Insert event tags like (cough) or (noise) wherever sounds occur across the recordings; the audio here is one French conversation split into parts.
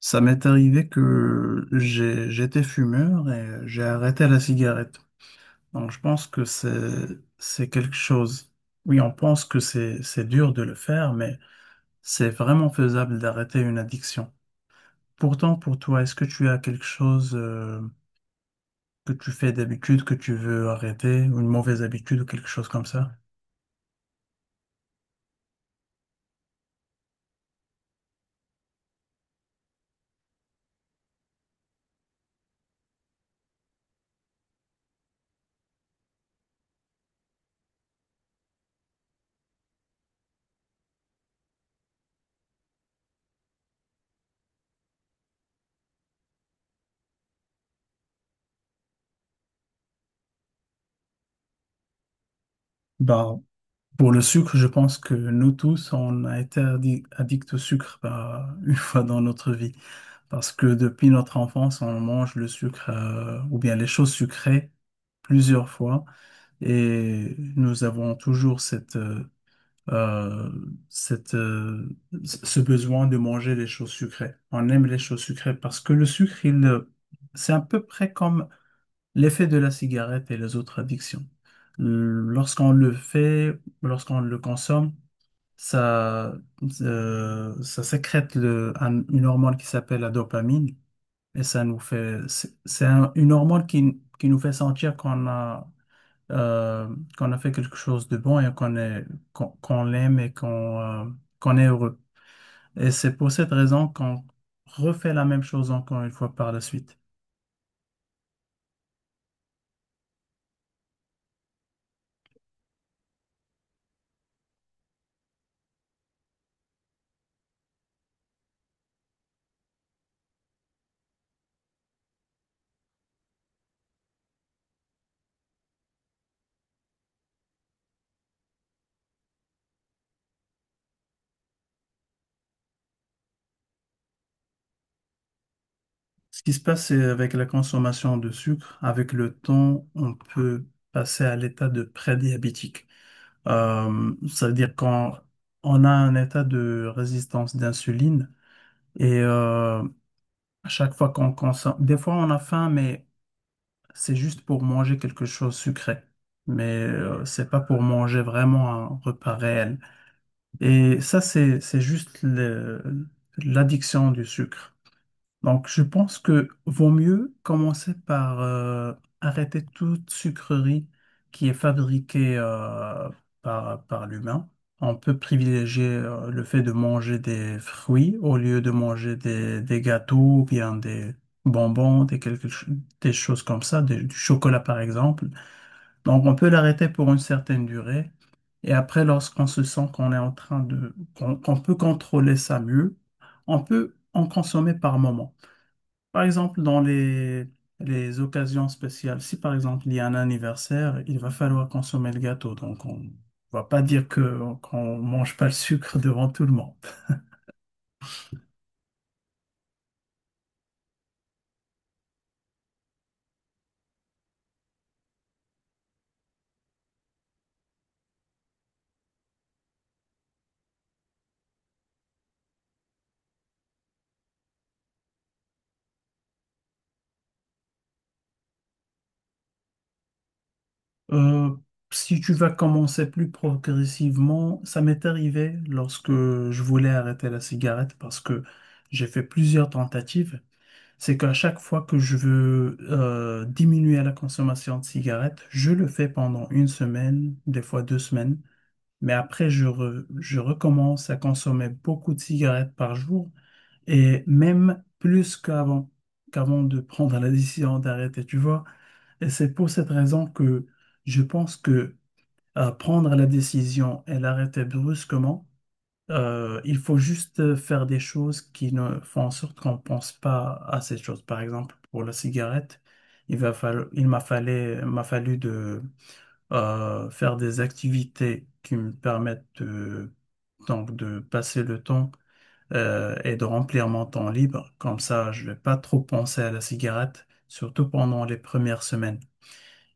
Ça m'est arrivé j'étais fumeur et j'ai arrêté la cigarette. Donc je pense c'est quelque chose. Oui, on pense que c'est dur de le faire, mais c'est vraiment faisable d'arrêter une addiction. Pourtant, pour toi, est-ce que tu as quelque chose, que tu fais d'habitude, que tu veux arrêter, ou une mauvaise habitude ou quelque chose comme ça? Bah, pour le sucre, je pense que nous tous, on a été addict au sucre, bah, (laughs) une fois dans notre vie. Parce que depuis notre enfance, on mange le sucre ou bien les choses sucrées plusieurs fois et nous avons toujours cette, euh, cette, ce besoin de manger les choses sucrées. On aime les choses sucrées parce que le sucre, il c'est à peu près comme l'effet de la cigarette et les autres addictions. Lorsqu'on le fait, lorsqu'on le consomme, ça, ça sécrète une hormone qui s'appelle la dopamine. Et ça nous fait, une hormone qui nous fait sentir qu'on a, qu'on a fait quelque chose de bon et qu'on l'aime et qu'on est heureux. Et c'est pour cette raison qu'on refait la même chose encore une fois par la suite. Ce qui se passe, c'est avec la consommation de sucre, avec le temps, on peut passer à l'état de prédiabétique. Ça veut dire quand on a un état de résistance d'insuline et à chaque fois qu'on consomme, des fois on a faim, mais c'est juste pour manger quelque chose sucré. Mais c'est pas pour manger vraiment un repas réel. Et ça, c'est juste l'addiction du sucre. Donc, je pense que vaut mieux commencer par arrêter toute sucrerie qui est fabriquée par l'humain. On peut privilégier le fait de manger des fruits au lieu de manger des gâteaux ou bien des bonbons, des choses comme ça, du chocolat par exemple. Donc, on peut l'arrêter pour une certaine durée. Et après, lorsqu'on se sent qu'on est en train de, qu'on peut contrôler ça mieux, on peut en consommer par moment. Par exemple, dans les occasions spéciales, si par exemple il y a un anniversaire, il va falloir consommer le gâteau. Donc on va pas dire que qu'on mange pas le sucre (laughs) devant tout le monde. Euh, si tu vas commencer plus progressivement, ça m'est arrivé lorsque je voulais arrêter la cigarette parce que j'ai fait plusieurs tentatives. C'est qu'à chaque fois que je veux diminuer la consommation de cigarettes, je le fais pendant une semaine, des fois deux semaines. Mais après, je recommence à consommer beaucoup de cigarettes par jour et même plus qu'avant, qu'avant de prendre la décision d'arrêter, tu vois. Et c'est pour cette raison que je pense que prendre la décision et l'arrêter brusquement, il faut juste faire des choses qui ne font en sorte qu'on ne pense pas à ces choses. Par exemple, pour la cigarette, il m'a fallu, de faire des activités qui me permettent de, donc de passer le temps et de remplir mon temps libre. Comme ça, je vais pas trop penser à la cigarette, surtout pendant les premières semaines.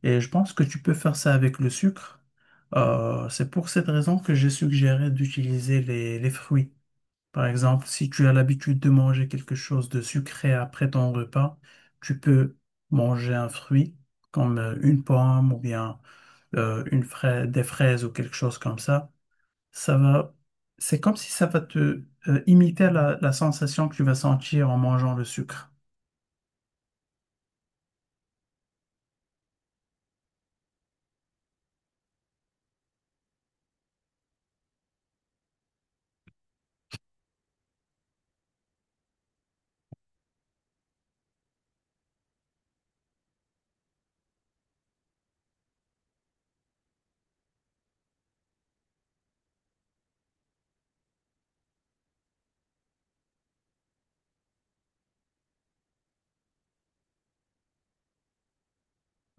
Et je pense que tu peux faire ça avec le sucre. C'est pour cette raison que j'ai suggéré d'utiliser les fruits. Par exemple, si tu as l'habitude de manger quelque chose de sucré après ton repas, tu peux manger un fruit comme une pomme ou bien des fraises ou quelque chose comme ça, ça va, c'est comme si ça va te imiter la sensation que tu vas sentir en mangeant le sucre.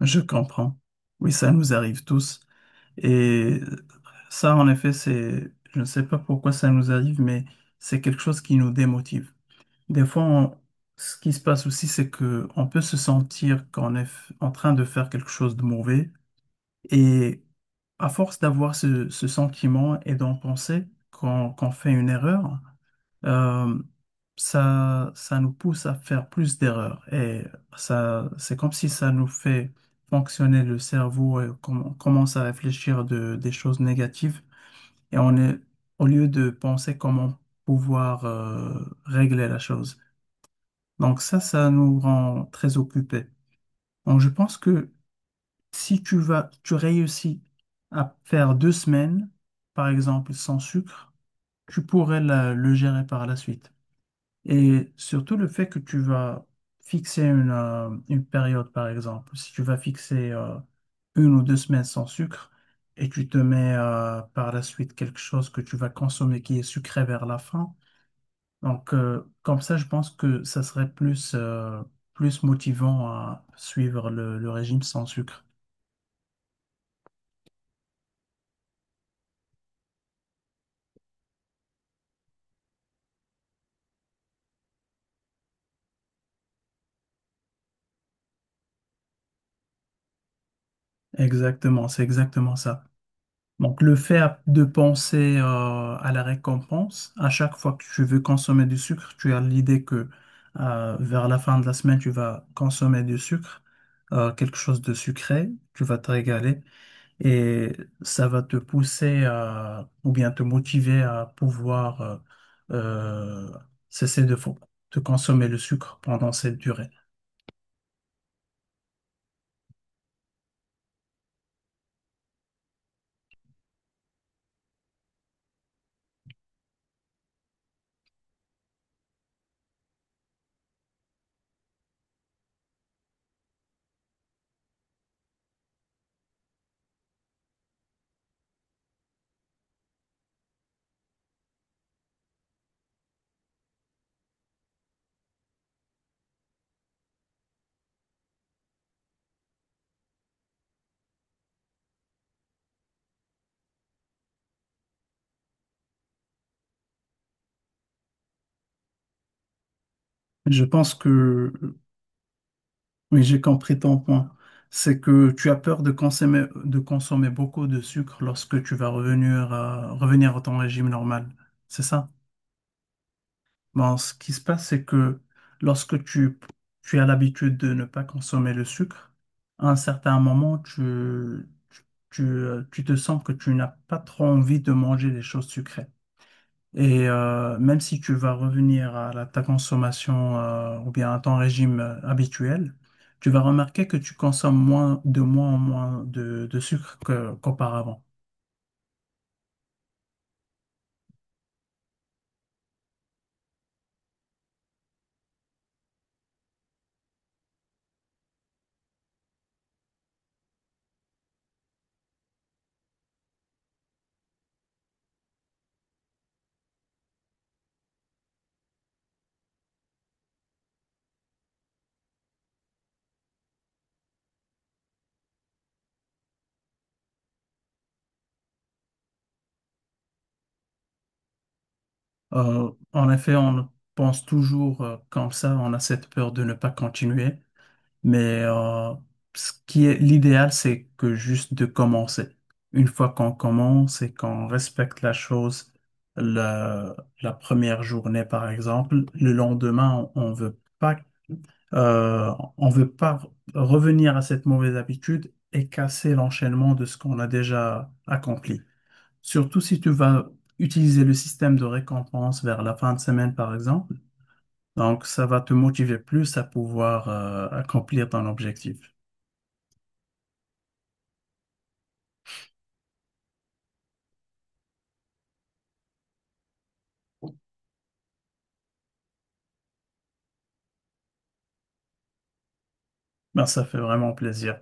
Je comprends. Oui, ça nous arrive tous. Et ça, en effet, je ne sais pas pourquoi ça nous arrive, mais c'est quelque chose qui nous démotive. Des fois, on- Ce qui se passe aussi, c'est que on peut se sentir qu'on est en train de faire quelque chose de mauvais. Et à force d'avoir ce sentiment et d'en penser qu'on fait une erreur, euh, ça nous pousse à faire plus d'erreurs. Et ça, c'est comme si ça nous fait fonctionner le cerveau et qu'on commence à réfléchir des choses négatives. Et on est, au lieu de penser comment pouvoir, régler la chose. Donc ça nous rend très occupés. Donc je pense que si tu réussis à faire deux semaines, par exemple, sans sucre, tu pourrais le gérer par la suite. Et surtout le fait que tu vas fixer une période, par exemple, si tu vas fixer une ou deux semaines sans sucre et tu te mets par la suite quelque chose que tu vas consommer qui est sucré vers la fin. Donc, comme ça, je pense que ça serait plus motivant à suivre le régime sans sucre. Exactement, c'est exactement ça. Donc, le fait de penser à la récompense, à chaque fois que tu veux consommer du sucre, tu as l'idée que vers la fin de la semaine, tu vas consommer du sucre, quelque chose de sucré, tu vas te régaler et ça va te pousser à, ou bien te motiver à pouvoir euh, cesser de consommer le sucre pendant cette durée. Je pense que oui, j'ai compris ton point. C'est que tu as peur de consommer beaucoup de sucre lorsque tu vas revenir à, revenir à ton régime normal. C'est ça? Bon, ce qui se passe, c'est que lorsque tu as l'habitude de ne pas consommer le sucre, à un certain moment, tu te sens que tu n'as pas trop envie de manger des choses sucrées. Et même si tu vas revenir à ta consommation ou bien à ton régime habituel, tu vas remarquer que tu consommes moins de moins en moins de sucre qu'auparavant. En effet, on pense toujours comme ça, on a cette peur de ne pas continuer. Mais ce qui est l'idéal, c'est que juste de commencer. Une fois qu'on commence et qu'on respecte la chose, la, la première journée, par exemple, le lendemain, on veut pas revenir à cette mauvaise habitude et casser l'enchaînement de ce qu'on a déjà accompli. Surtout si tu vas utiliser le système de récompense vers la fin de semaine, par exemple. Donc, ça va te motiver plus à pouvoir accomplir ton objectif. Ben, ça fait vraiment plaisir.